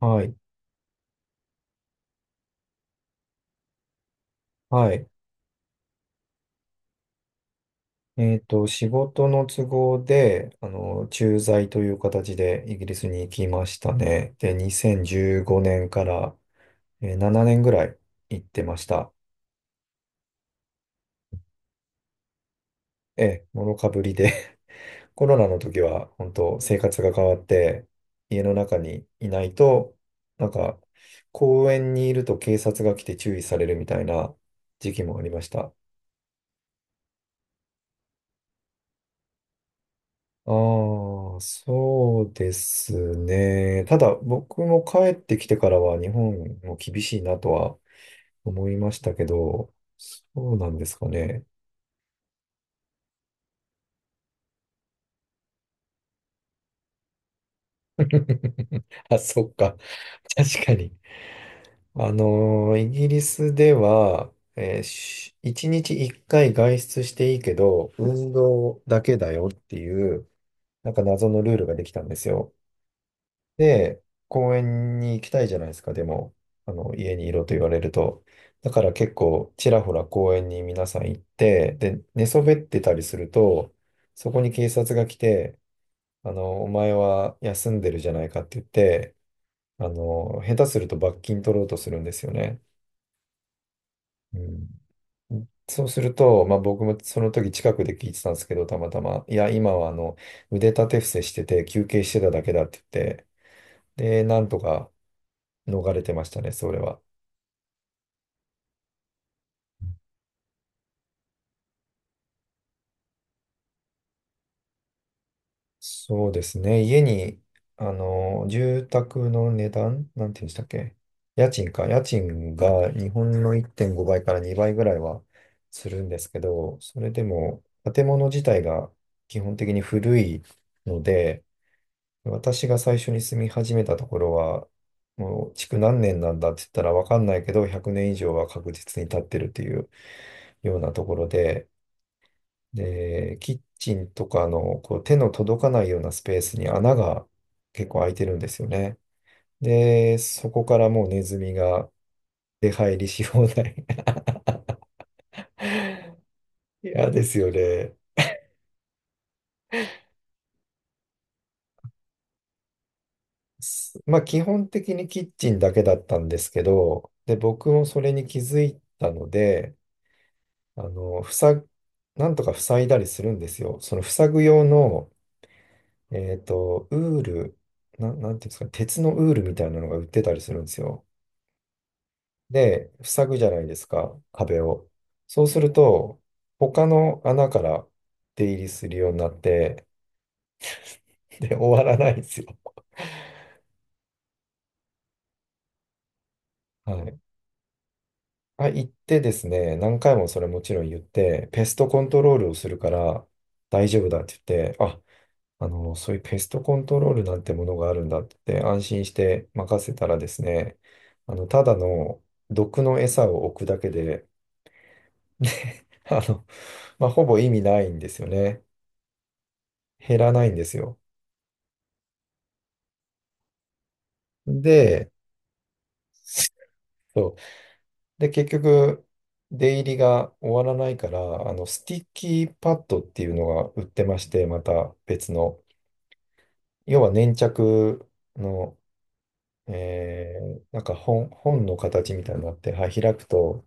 はい。はい。仕事の都合で、駐在という形でイギリスに行きましたね。で、2015年から、7年ぐらい行ってました。ええ、もろかぶりで コロナの時は、本当生活が変わって、家の中にいないと、なんか、公園にいると警察が来て注意されるみたいな時期もありました。ああ、そうですね。ただ、僕も帰ってきてからは日本も厳しいなとは思いましたけど、そうなんですかね。あ、そっか。確かに。イギリスでは、えーし一日一回外出していいけど、運動だけだよっていう、謎のルールができたんですよ。で、公園に行きたいじゃないですか、でも、家にいろと言われると。だから結構、ちらほら公園に皆さん行って、で、寝そべってたりすると、そこに警察が来て、お前は休んでるじゃないかって言って、下手すると罰金取ろうとするんですよね。うん。そうすると、まあ僕もその時近くで聞いてたんですけど、たまたま、いや、今は腕立て伏せしてて休憩してただけだって言って、で、なんとか逃れてましたね、それは。そうですね。家に、住宅の値段、なんて言うんでしたっけ、家賃か。家賃が日本の1.5倍から2倍ぐらいはするんですけど、それでも建物自体が基本的に古いので、私が最初に住み始めたところは、もう築何年なんだって言ったらわかんないけど、100年以上は確実に経ってるっていうようなところで、で、キッチンとかのこう手の届かないようなスペースに穴が結構開いてるんですよね。で、そこからもうネズミが出入りし放題。嫌ですよね。まあ基本的にキッチンだけだったんですけど、で、僕もそれに気づいたので、あの、塞ぐ、なんとか塞いだりするんですよ。その塞ぐ用の、えっと、ウール、な、なんていうんですか、鉄のウールみたいなのが売ってたりするんですよ。で、塞ぐじゃないですか、壁を。そうすると、他の穴から出入りするようになって、で、終わらないんですよ。はい。あ、行ってですね、何回もそれもちろん言って、ペストコントロールをするから大丈夫だって言って、そういうペストコントロールなんてものがあるんだって言って安心して任せたらですね、ただの毒の餌を置くだけで、あの、まあ、ほぼ意味ないんですよね。減らないんですよ。で、そう。で、結局、出入りが終わらないから、スティッキーパッドっていうのが売ってまして、また別の。要は粘着の、本の形みたいになって、はい、開くと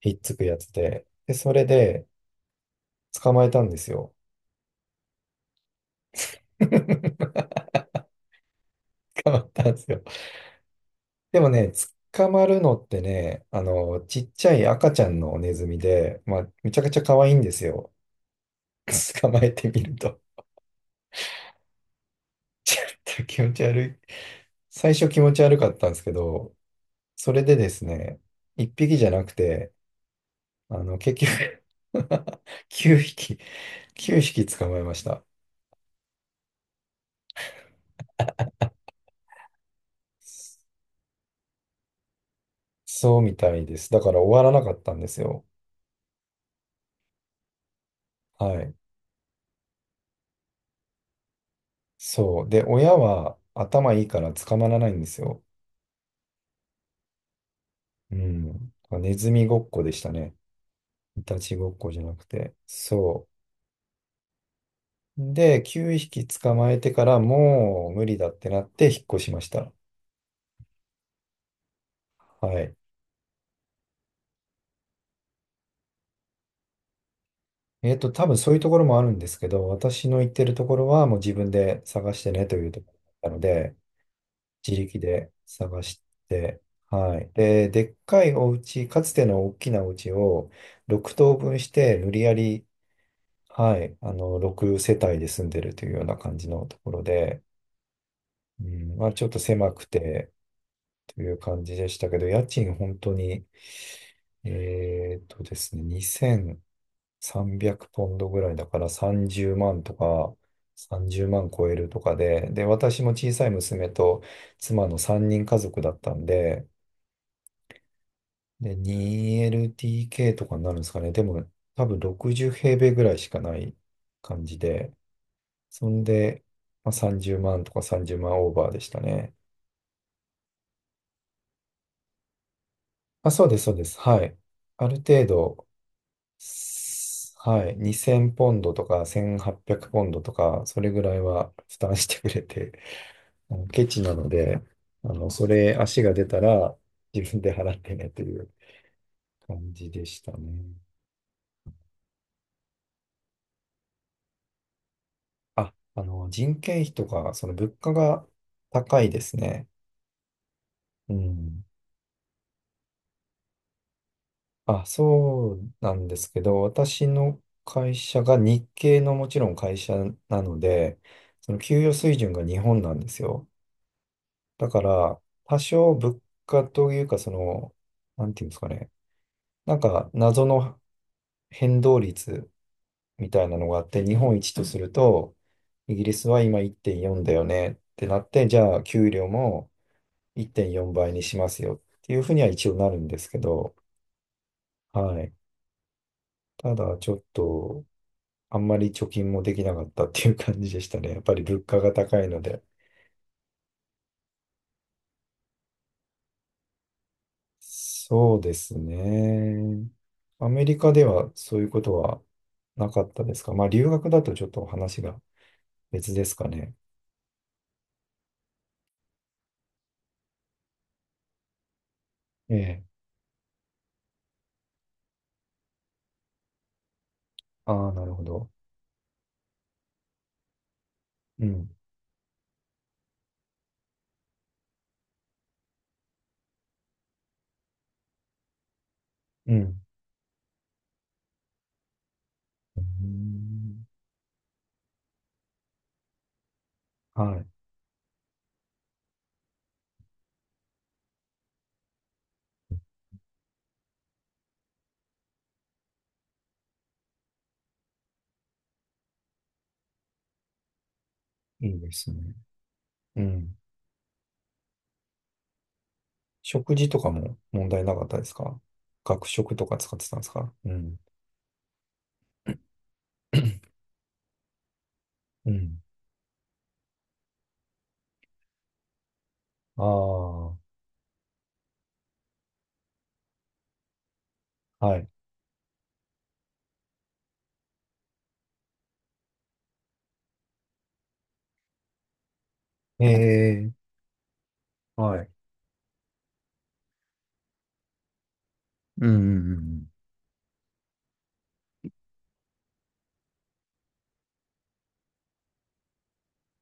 ひっつくやつで、で、それで捕まえたんですよ。捕まったんですよ。でもね、捕まるのってね、ちっちゃい赤ちゃんのネズミで、まあ、めちゃくちゃ可愛いんですよ。捕まえてみると。ちょっと気持ち悪い。最初気持ち悪かったんですけど、それでですね、1匹じゃなくて、結局 9匹、9匹捕まえました。そうみたいです。だから終わらなかったんですよ。はい。そう。で、親は頭いいから捕まらないんですよ。うん。ネズミごっこでしたね。イタチごっこじゃなくて。そう。で、9匹捕まえてからもう無理だってなって引っ越しました。はい。多分そういうところもあるんですけど、私の行ってるところはもう自分で探してねというところなので、自力で探して、はい。で、でっかいお家、かつての大きなお家を6等分して無理やり、はい、6世帯で住んでるというような感じのところで、うん、まあちょっと狭くてという感じでしたけど、家賃本当に、えっとですね、300ポンドぐらいだから30万とか、30万超えるとかで、で、私も小さい娘と妻の3人家族だったんで、で、2 l t k とかになるんですかね。でも、多分60平米ぐらいしかない感じで、そんで、まあ、30万とか30万オーバーでしたね。あ、そうです、そうです。はい。ある程度、はい、2000ポンドとか1800ポンドとか、それぐらいは負担してくれて、あのケチなので、それ足が出たら自分で払ってねという感じでしたね。あ、人件費とか、その物価が高いですね。うん。あ、そうなんですけど、私の会社が日系のもちろん会社なので、その給与水準が日本なんですよ。だから、多少物価というか、その、なんていうんですかね。謎の変動率みたいなのがあって、日本一とすると、イギリスは今1.4だよねってなって、じゃあ、給料も1.4倍にしますよっていうふうには一応なるんですけど、はい。ただ、ちょっと、あんまり貯金もできなかったっていう感じでしたね。やっぱり物価が高いので。そうですね。アメリカではそういうことはなかったですか？まあ、留学だとちょっと話が別ですかね。ええ。ああ、なるほど。うん。うん。うーん、はい。いいですね。うん。食事とかも問題なかったですか？学食とか使ってたんですか？うん。うん。ああ、はい。ええ、はい。うん、うん、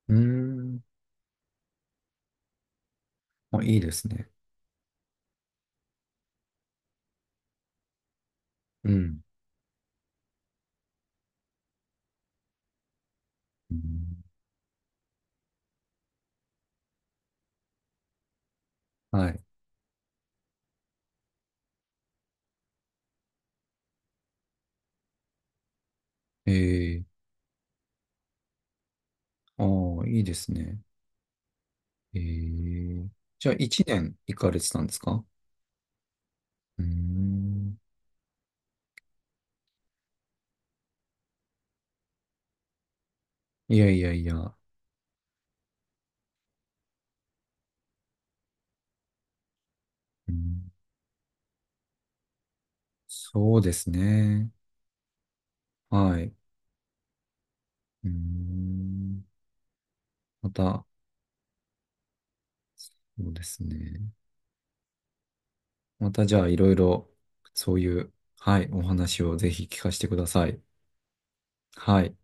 うん、うん。うーん。あ、いいですね。うん。うん、はい。ええ、ああ、いいですね。ええ。じゃあ、一年行かれてたんですか？うーん。いやいやいや。うん、そうですね。はい。うーん。また、そうですね。また、じゃあ、いろいろ、そういう、はい、お話をぜひ聞かせてください。はい。